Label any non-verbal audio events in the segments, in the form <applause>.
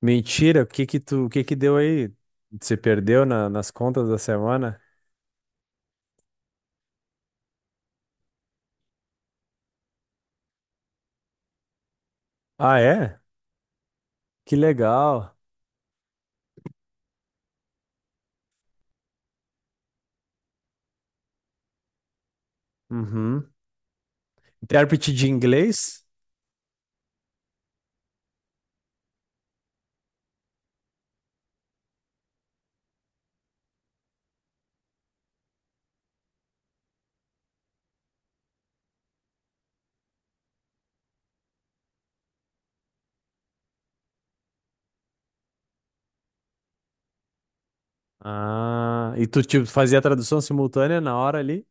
Mentira, o que que tu, o que que deu aí? Você perdeu na- nas contas da semana? Ah, é? Que legal. Uhum. Intérprete de inglês? Ah, e tu tipo, fazia a tradução simultânea na hora ali?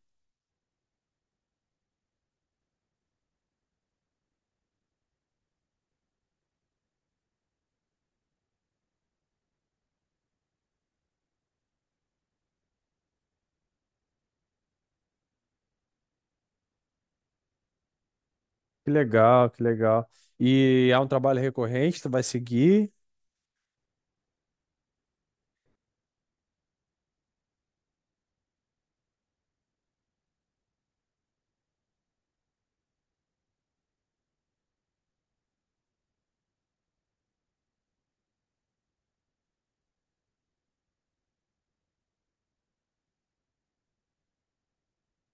Que legal, que legal. E é um trabalho recorrente, tu vai seguir?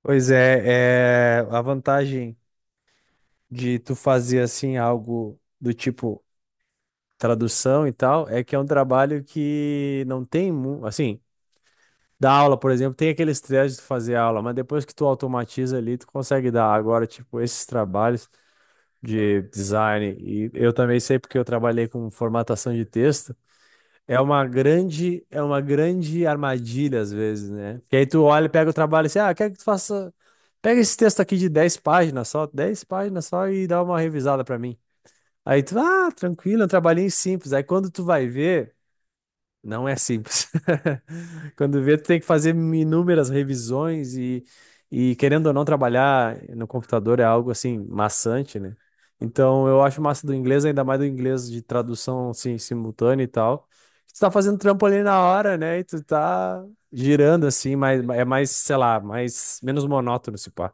Pois é, é a vantagem de tu fazer assim algo do tipo tradução e tal, é que é um trabalho que não tem, mu- assim, da aula, por exemplo, tem aquele estresse de tu fazer aula, mas depois que tu automatiza ali, tu consegue dar. Agora, tipo, esses trabalhos de design, e eu também sei porque eu trabalhei com formatação de texto, é uma grande armadilha às vezes, né? Que aí tu olha, e pega o trabalho e assim, ah, quero que tu faça, pega esse texto aqui de 10 páginas só e dá uma revisada pra mim. Aí tu, ah, tranquilo, é um trabalhinho simples. Aí quando tu vai ver não é simples. <laughs> Quando vê, tu tem que fazer inúmeras revisões e querendo ou não trabalhar no computador é algo assim maçante, né? Então eu acho massa do inglês, ainda mais do inglês de tradução assim, simultânea e tal. Tu tá fazendo trampo ali na hora, né? E tu tá girando assim, mas é mais, sei lá, mais menos monótono se pá.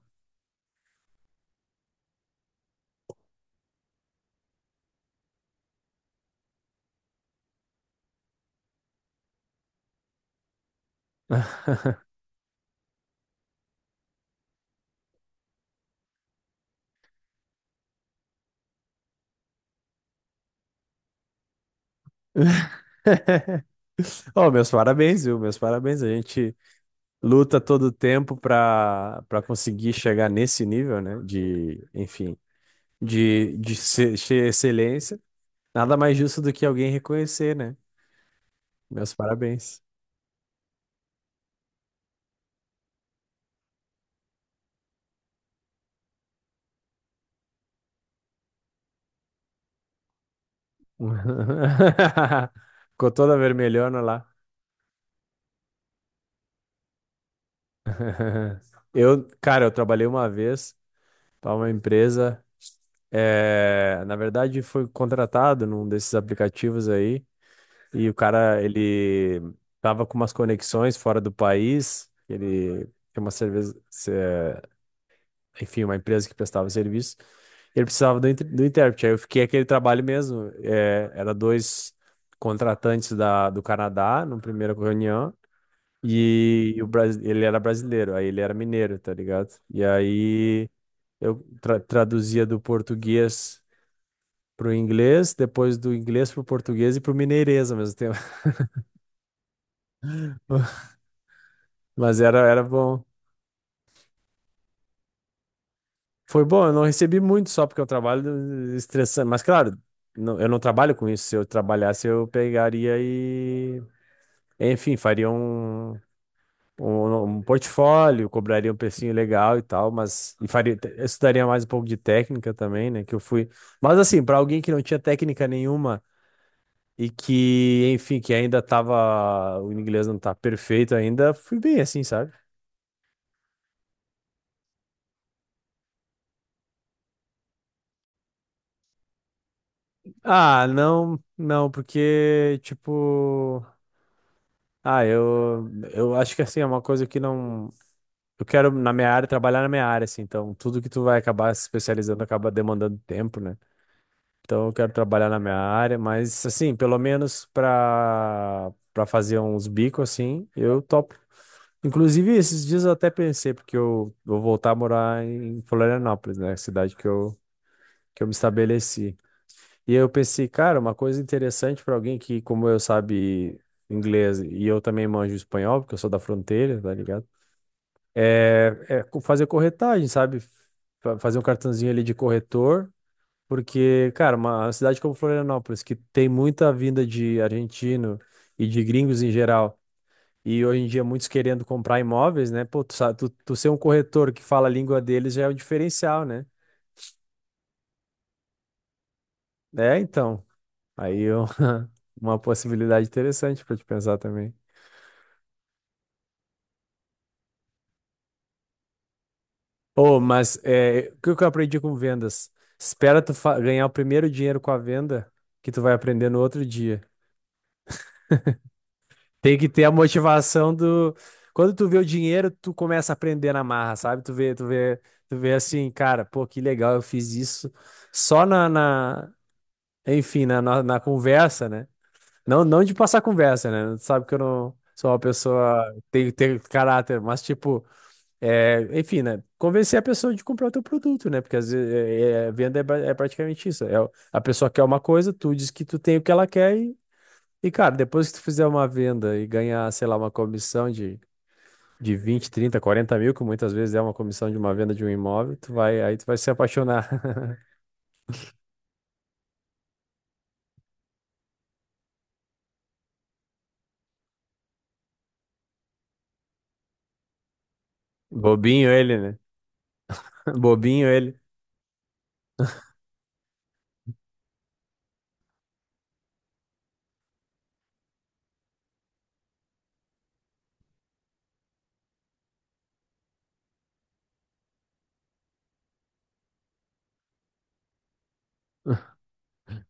Oh, meus parabéns, viu? Meus parabéns. A gente luta todo o tempo para conseguir chegar nesse nível, né? De, enfim de ser, ser excelência, nada mais justo do que alguém reconhecer, né? Meus parabéns. <laughs> Ficou toda vermelhona lá. <laughs> Eu, cara, eu trabalhei uma vez para uma empresa. É, na verdade, foi contratado num desses aplicativos aí, e o cara, ele tava com umas conexões fora do país, ele tem uma cerveja, enfim, uma empresa que prestava serviço, e ele precisava do, inter- do intérprete. Aí eu fiquei aquele trabalho mesmo. É, era dois contratantes da, do Canadá, na primeira reunião, e o, Bras- ele era brasileiro, aí ele era mineiro, tá ligado? E aí eu tra- traduzia do português pro inglês, depois do inglês pro português e pro mineirês ao mesmo tempo. <laughs> Mas era, era bom. Foi bom, eu não recebi muito só porque eu trabalho estressante. Mas claro, não- eu não trabalho com isso. Se eu trabalhasse, eu pegaria e, enfim, faria um, um, um portfólio, cobraria um precinho legal e tal, mas e faria, eu estudaria mais um pouco de técnica também, né? Que eu fui. Mas assim, para alguém que não tinha técnica nenhuma e que, enfim, que ainda tava. O inglês não tá perfeito ainda, fui bem assim, sabe? Ah, não, não, porque, tipo. Ah, eu acho que assim, é uma coisa que não. Eu quero, na minha área, trabalhar na minha área, assim. Então, tudo que tu vai acabar se especializando acaba demandando tempo, né? Então, eu quero trabalhar na minha área, mas, assim, pelo menos pra, pra fazer uns bicos, assim, eu topo. Inclusive, esses dias eu até pensei, porque eu vou voltar a morar em Florianópolis, né? Cidade que eu me estabeleci. E eu pensei, cara, uma coisa interessante para alguém que, como eu, sabe inglês e eu também manjo espanhol, porque eu sou da fronteira, tá ligado? É co- fazer corretagem, sabe? Fa- Fazer um cartãozinho ali de corretor, porque, cara, uma cidade como Florianópolis, que tem muita vinda de argentino e de gringos em geral, e hoje em dia muitos querendo comprar imóveis, né? Pô, tu, sa- tu, tu ser um corretor que fala a língua deles já é um diferencial, né? É, então. Aí eu- <laughs> uma possibilidade interessante para te pensar também. Oh, mas é, o que que eu aprendi com vendas? Espera tu fa- ganhar o primeiro dinheiro com a venda que tu vai aprender no outro dia. Tem que ter a motivação do. Quando tu vê o dinheiro, tu começa a aprender na marra, sabe? Tu vê, tu vê, tu vê assim, cara, pô, que legal, eu fiz isso só na, na- enfim, na, na, na conversa, né? Não, não de passar conversa, né? Tu sabe que eu não sou uma pessoa que tem ter caráter, mas tipo. É, enfim, né? Convencer a pessoa de comprar o teu produto, né? Porque às vezes é, é- a venda é, ba- é praticamente isso. É, o- a pessoa quer uma coisa, tu diz que tu tem o que ela quer e, cara, depois que tu fizer uma venda e ganhar, sei lá, uma comissão de vinte trinta quarenta mil, que muitas vezes é uma comissão de uma venda de um imóvel, tu vai, aí tu vai se apaixonar. <laughs> Bobinho ele, né? <laughs> Bobinho ele.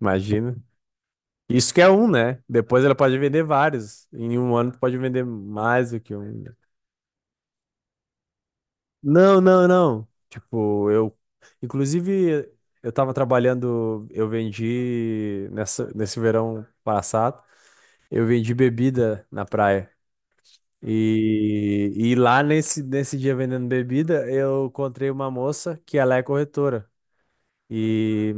Imagina. Isso que é um, né? Depois ela pode vender vários. Em um ano tu pode vender mais do que um. Não, não, não. Tipo, eu. Inclusive, eu tava trabalhando, eu vendi nessa, nesse verão passado, eu vendi bebida na praia. E lá nesse, nesse dia vendendo bebida, eu encontrei uma moça que ela é corretora. E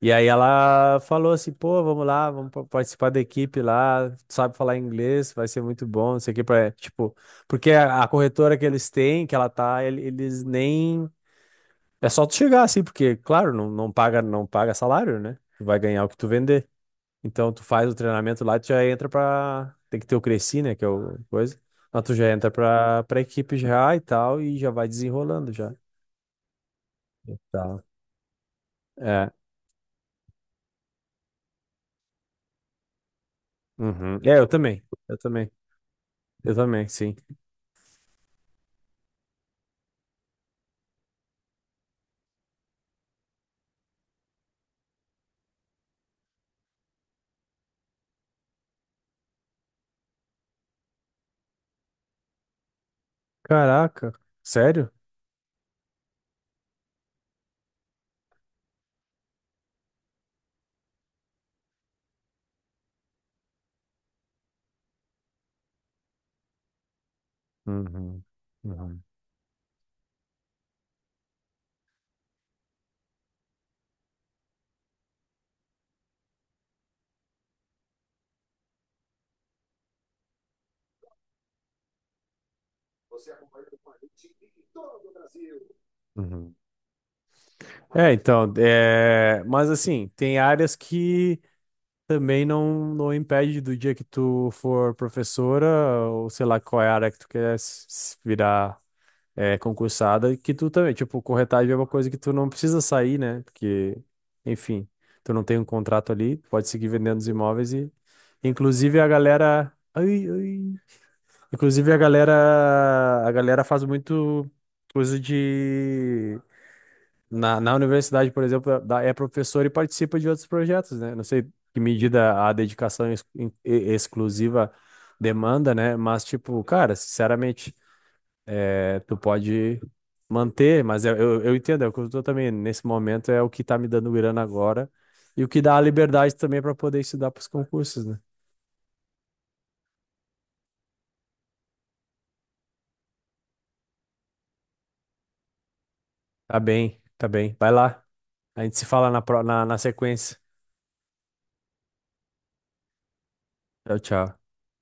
Aí ela falou assim, pô, vamos lá, vamos pa- participar da equipe lá, tu sabe falar inglês, vai ser muito bom, não sei o que, pra, tipo, porque a corretora que eles têm, que ela tá, ele- eles nem, é só tu chegar assim, porque, claro, não, não paga, não paga salário, né? Tu vai ganhar o que tu vender. Então, tu faz o treinamento lá, tu já entra pra, tem que ter o Cresci, né, que é o coisa, mas tu já entra pra, pra equipe já e tal, e já vai desenrolando já. Tá. É, uhum. É, eu também, eu também, sim. Caraca, sério? Uhum, uhum, uhum. É, então, é... mas assim, tem áreas que também não, não impede do dia que tu for professora, ou sei lá qual é a área que tu quer s- s- virar é, concursada, que tu também, tipo, corretagem é uma coisa que tu não precisa sair, né? Porque, enfim, tu não tem um contrato ali, pode seguir vendendo os imóveis e, inclusive, a galera. Ai, ai, inclusive a galera faz muito coisa de na, na universidade, por exemplo, da- é professor e participa de outros projetos, né? Não sei que medida a dedicação ex- in- e- exclusiva demanda, né? Mas tipo, cara, sinceramente, é, tu pode manter, mas eu entendo, é o que eu tô também nesse momento é o que tá me dando grana agora e o que dá a liberdade também para poder estudar para os concursos, né? Tá bem, tá bem. Vai lá. A gente se fala na, pro- na, na sequência. Tchau, tchau.